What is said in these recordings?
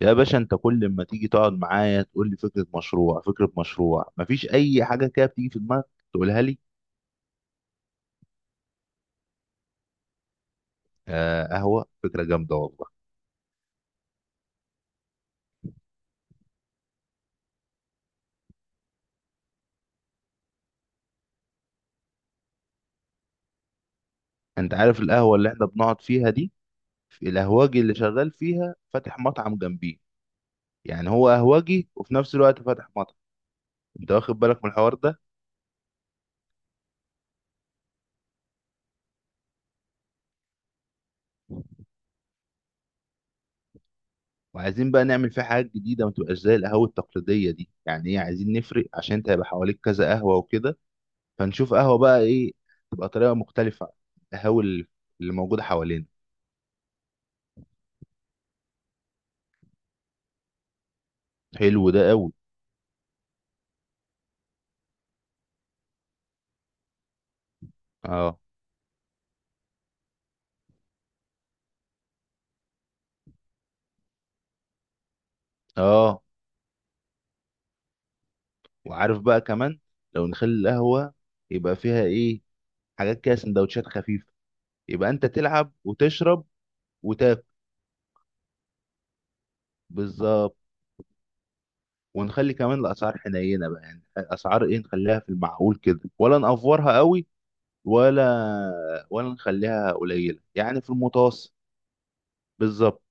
يا باشا، انت كل ما تيجي تقعد معايا تقول لي فكره مشروع فكره مشروع، مفيش اي حاجه كده بتيجي في دماغك تقولها لي؟ آه، قهوه فكره جامده والله. انت عارف القهوه اللي احنا بنقعد فيها دي، في القهوجي اللي شغال فيها فاتح مطعم جنبيه. يعني هو قهوجي وفي نفس الوقت فاتح مطعم. انت واخد بالك من الحوار ده؟ وعايزين بقى نعمل فيه حاجات جديده، ما تبقاش زي القهوه التقليديه دي. يعني ايه، عايزين نفرق عشان انت هيبقى حواليك كذا قهوه وكده. فنشوف قهوه بقى ايه، تبقى طريقه مختلفه عن القهوه اللي موجوده حوالينا. حلو ده قوي. اه، اه. وعارف بقى كمان، لو نخلي القهوة يبقى فيها ايه، حاجات كده سندوتشات خفيفة، يبقى انت تلعب وتشرب وتاكل. بالظبط. ونخلي كمان الاسعار حنينة بقى، يعني اسعار ايه، نخليها في المعقول كده ولا نأفورها قوي؟ ولا ولا نخليها قليلة يعني في المتوسط. بالظبط.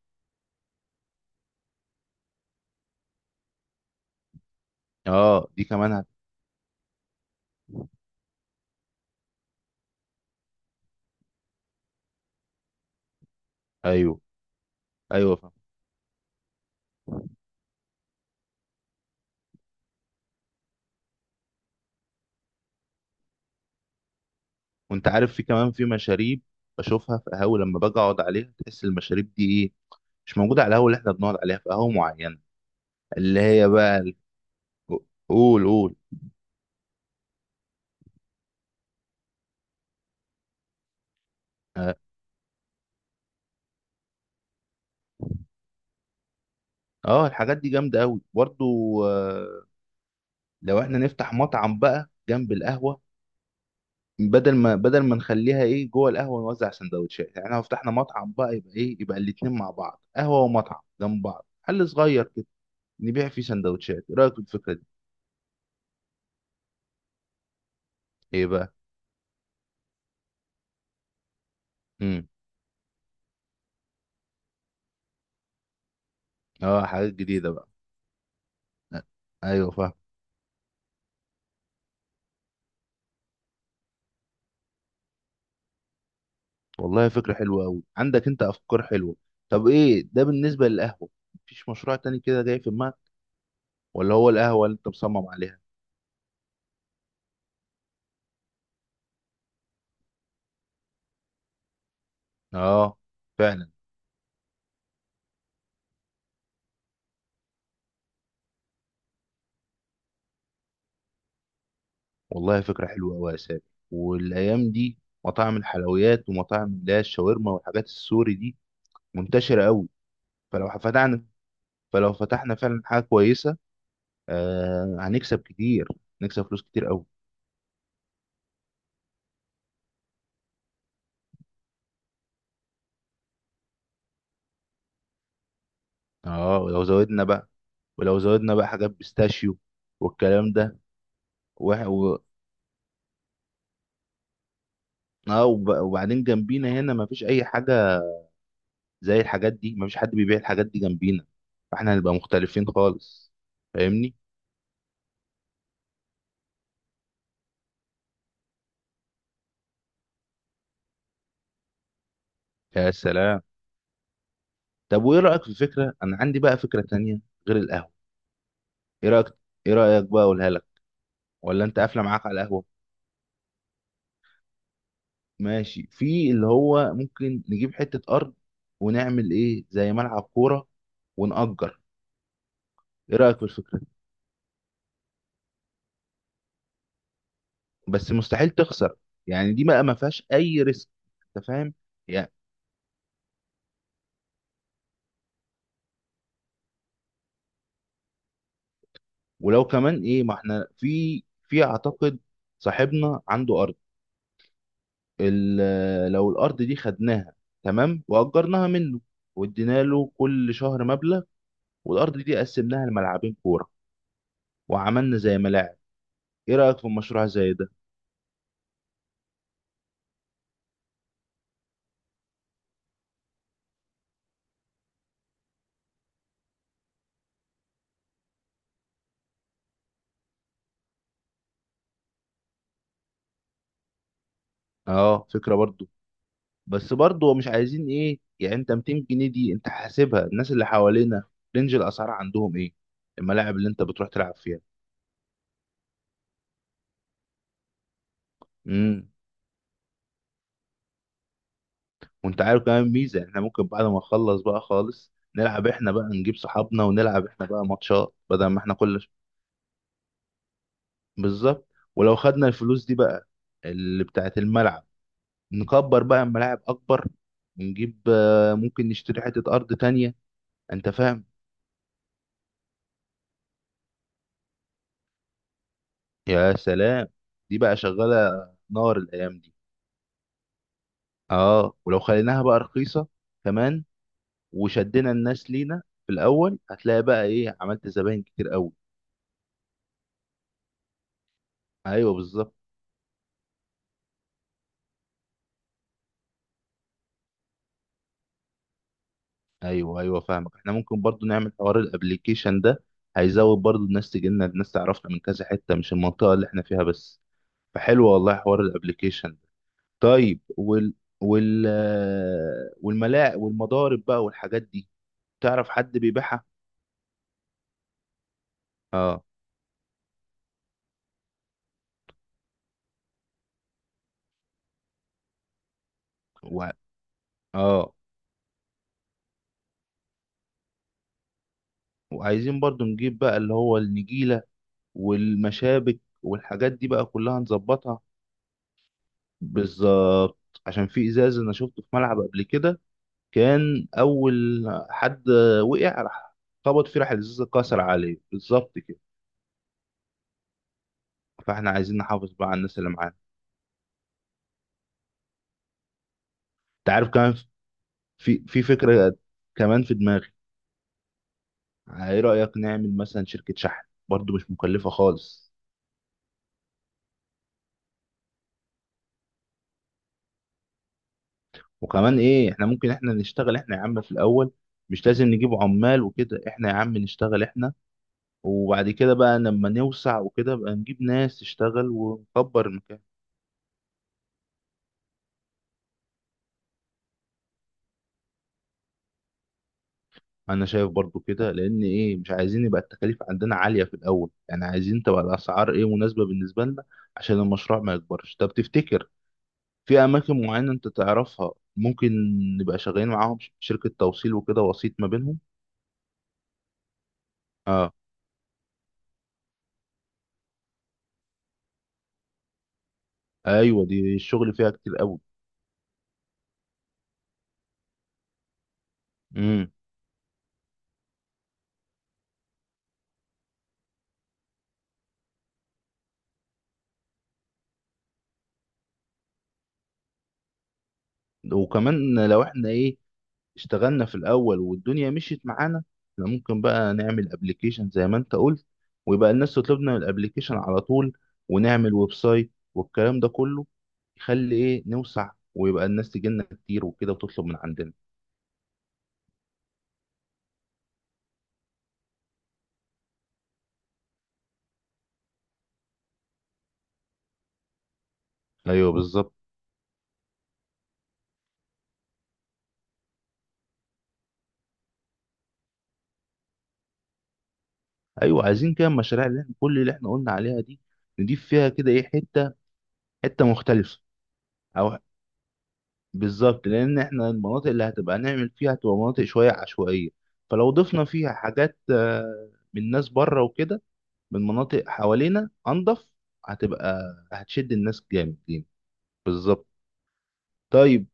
اه، دي كمان ايوه، ايوه فاهم. وانت عارف في كمان في مشاريب بشوفها في قهاوي لما باجي اقعد عليها، تحس المشاريب دي ايه، مش موجودة على القهوة اللي احنا بنقعد عليها، في قهوة معينة اللي هي بقى قول، قول. اه، آه، الحاجات دي جامدة قوي برضو. آه، لو احنا نفتح مطعم بقى جنب القهوة، بدل ما نخليها ايه جوه القهوة نوزع سندوتشات، يعني لو فتحنا مطعم بقى يبقى ايه، يبقى الاتنين مع بعض، قهوة ومطعم جنب بعض، حل صغير كده. نبيع فيه سندوتشات. ايه رأيك في الفكرة دي؟ ايه بقى؟ امم اه، حاجات جديدة بقى. آه، ايوه فاهم. والله فكرة حلوة أوي، عندك أنت أفكار حلوة. طب إيه ده بالنسبة للقهوة؟ مفيش مشروع تاني كده جاي في دماغك، ولا هو القهوة اللي أنت مصمم عليها؟ آه، فعلا. والله فكرة حلوة أوي يا سامي. والأيام دي مطاعم الحلويات ومطاعم اللي هي الشاورما والحاجات السوري دي منتشرة أوي. فلو فتحنا فلو فتحنا فعلا حاجة كويسة، آه، هنكسب كتير، نكسب فلوس كتير أوي. آه، ولو زودنا بقى حاجات بيستاشيو والكلام ده. اه، وبعدين جنبينا هنا مفيش اي حاجه زي الحاجات دي، مفيش حد بيبيع الحاجات دي جنبينا. فاحنا هنبقى مختلفين خالص. فاهمني؟ يا سلام. طب وايه رايك في فكره، انا عندي بقى فكره تانية غير القهوه. ايه رايك ايه رايك بقى، اقولها لك ولا انت قافله معاك على القهوه؟ ماشي، في اللي هو ممكن نجيب حته ارض ونعمل ايه زي ملعب كوره ونأجر. ايه رايك في الفكره دي؟ بس مستحيل تخسر. يعني دي بقى ما فيهاش اي ريسك، انت فاهم. ولو كمان ايه، ما احنا في اعتقد صاحبنا عنده ارض. لو الارض دي خدناها تمام واجرناها منه وادينا له كل شهر مبلغ، والارض دي قسمناها لملعبين كوره وعملنا زي ملاعب. ايه رايك في مشروع زي ده؟ اه، فكره برضو. بس برضو مش عايزين ايه، يعني انت 200 جنيه دي انت حاسبها؟ الناس اللي حوالينا رينج الاسعار عندهم ايه؟ الملاعب اللي انت بتروح تلعب فيها. إمم. وانت عارف كمان ميزه، احنا ممكن بعد ما نخلص بقى خالص نلعب احنا بقى، نجيب صحابنا ونلعب احنا بقى ماتشات، بدل ما احنا كل بالظبط. ولو خدنا الفلوس دي بقى، اللي بتاعت الملعب، نكبر بقى الملاعب اكبر ونجيب ممكن نشتري حته ارض تانية. انت فاهم. يا سلام. دي بقى شغاله نار الايام دي. اه، ولو خليناها بقى رخيصه كمان وشدنا الناس لينا في الاول، هتلاقي بقى ايه، عملت زباين كتير قوي. ايوه، بالظبط. ايوه، ايوه فاهمك. احنا ممكن برضو نعمل حوار الابليكيشن ده، هيزود برضو الناس تجي لنا، الناس تعرفنا من كذا حته مش المنطقه اللي احنا فيها بس. فحلو والله حوار الابليكيشن ده. طيب، وال والملاعق والمضارب بقى والحاجات دي. تعرف حد بيبيعها؟ اه، و... اه وعايزين برضو نجيب بقى اللي هو النجيله والمشابك والحاجات دي بقى كلها نظبطها. بالظبط. عشان في ازاز انا شفته في ملعب قبل كده، كان اول حد وقع راح خبط فيه، راح الازازه اتكسر عليه، بالظبط كده. فاحنا عايزين نحافظ بقى على الناس اللي معانا. انت عارف كمان في فكره كمان في دماغي. ايه رايك نعمل مثلا شركه شحن؟ برضو مش مكلفه خالص. وكمان ايه، احنا ممكن احنا نشتغل احنا يا عم في الاول، مش لازم نجيب عمال وكده، احنا يا عم نشتغل احنا، وبعد كده بقى لما نوسع وكده بقى نجيب ناس تشتغل ونكبر المكان. انا شايف برضو كده، لان ايه، مش عايزين يبقى التكاليف عندنا عاليه في الاول، يعني عايزين تبقى الاسعار ايه مناسبه بالنسبه لنا عشان المشروع ما يكبرش. طب تفتكر في اماكن معينه انت تعرفها ممكن نبقى شغالين معاهم، شركه توصيل وكده، وسيط ما بينهم؟ اه، ايوه، دي الشغل فيها كتير قوي. امم وكمان لو احنا ايه اشتغلنا في الاول والدنيا مشيت معانا، احنا ممكن بقى نعمل ابلكيشن زي ما انت قلت، ويبقى الناس تطلبنا من الابلكيشن على طول، ونعمل ويب سايت والكلام ده كله، يخلي ايه نوسع ويبقى الناس تجيلنا كتير وكده وتطلب من عندنا. ايوه بالظبط. ايوه، عايزين كده المشاريع اللي احنا كل اللي احنا قلنا عليها دي، نضيف فيها كده ايه حته مختلفه. او، بالظبط. لان احنا المناطق اللي هتبقى نعمل فيها هتبقى مناطق شويه عشوائيه، فلو ضفنا فيها حاجات من ناس بره وكده، من مناطق حوالينا انضف، هتبقى، هتشد الناس جامد لينا. بالظبط. طيب،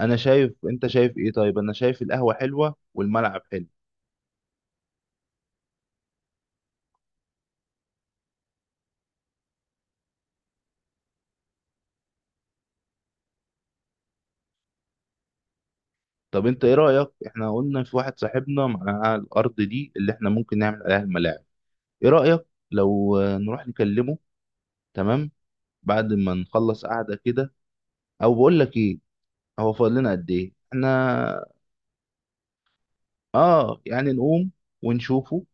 انا شايف انت شايف ايه؟ طيب انا شايف القهوه حلوه والملعب حلو. طب انت ايه رأيك، احنا قلنا في واحد صاحبنا معاه الارض دي اللي احنا ممكن نعمل عليها الملاعب. ايه رأيك لو نروح نكلمه؟ تمام، بعد ما نخلص قعدة كده. او بقول لك ايه، هو فاضل لنا قد ايه احنا؟ اه، يعني نقوم ونشوفه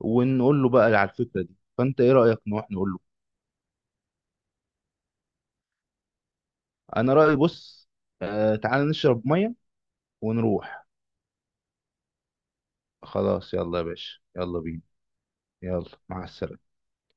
ونقول له بقى على الفكرة دي. فانت ايه رأيك نروح نقول له؟ انا رأيي بص، آه، تعال نشرب مية ونروح. خلاص، يلا يا باشا، يلا بينا. يلا مع السلامة.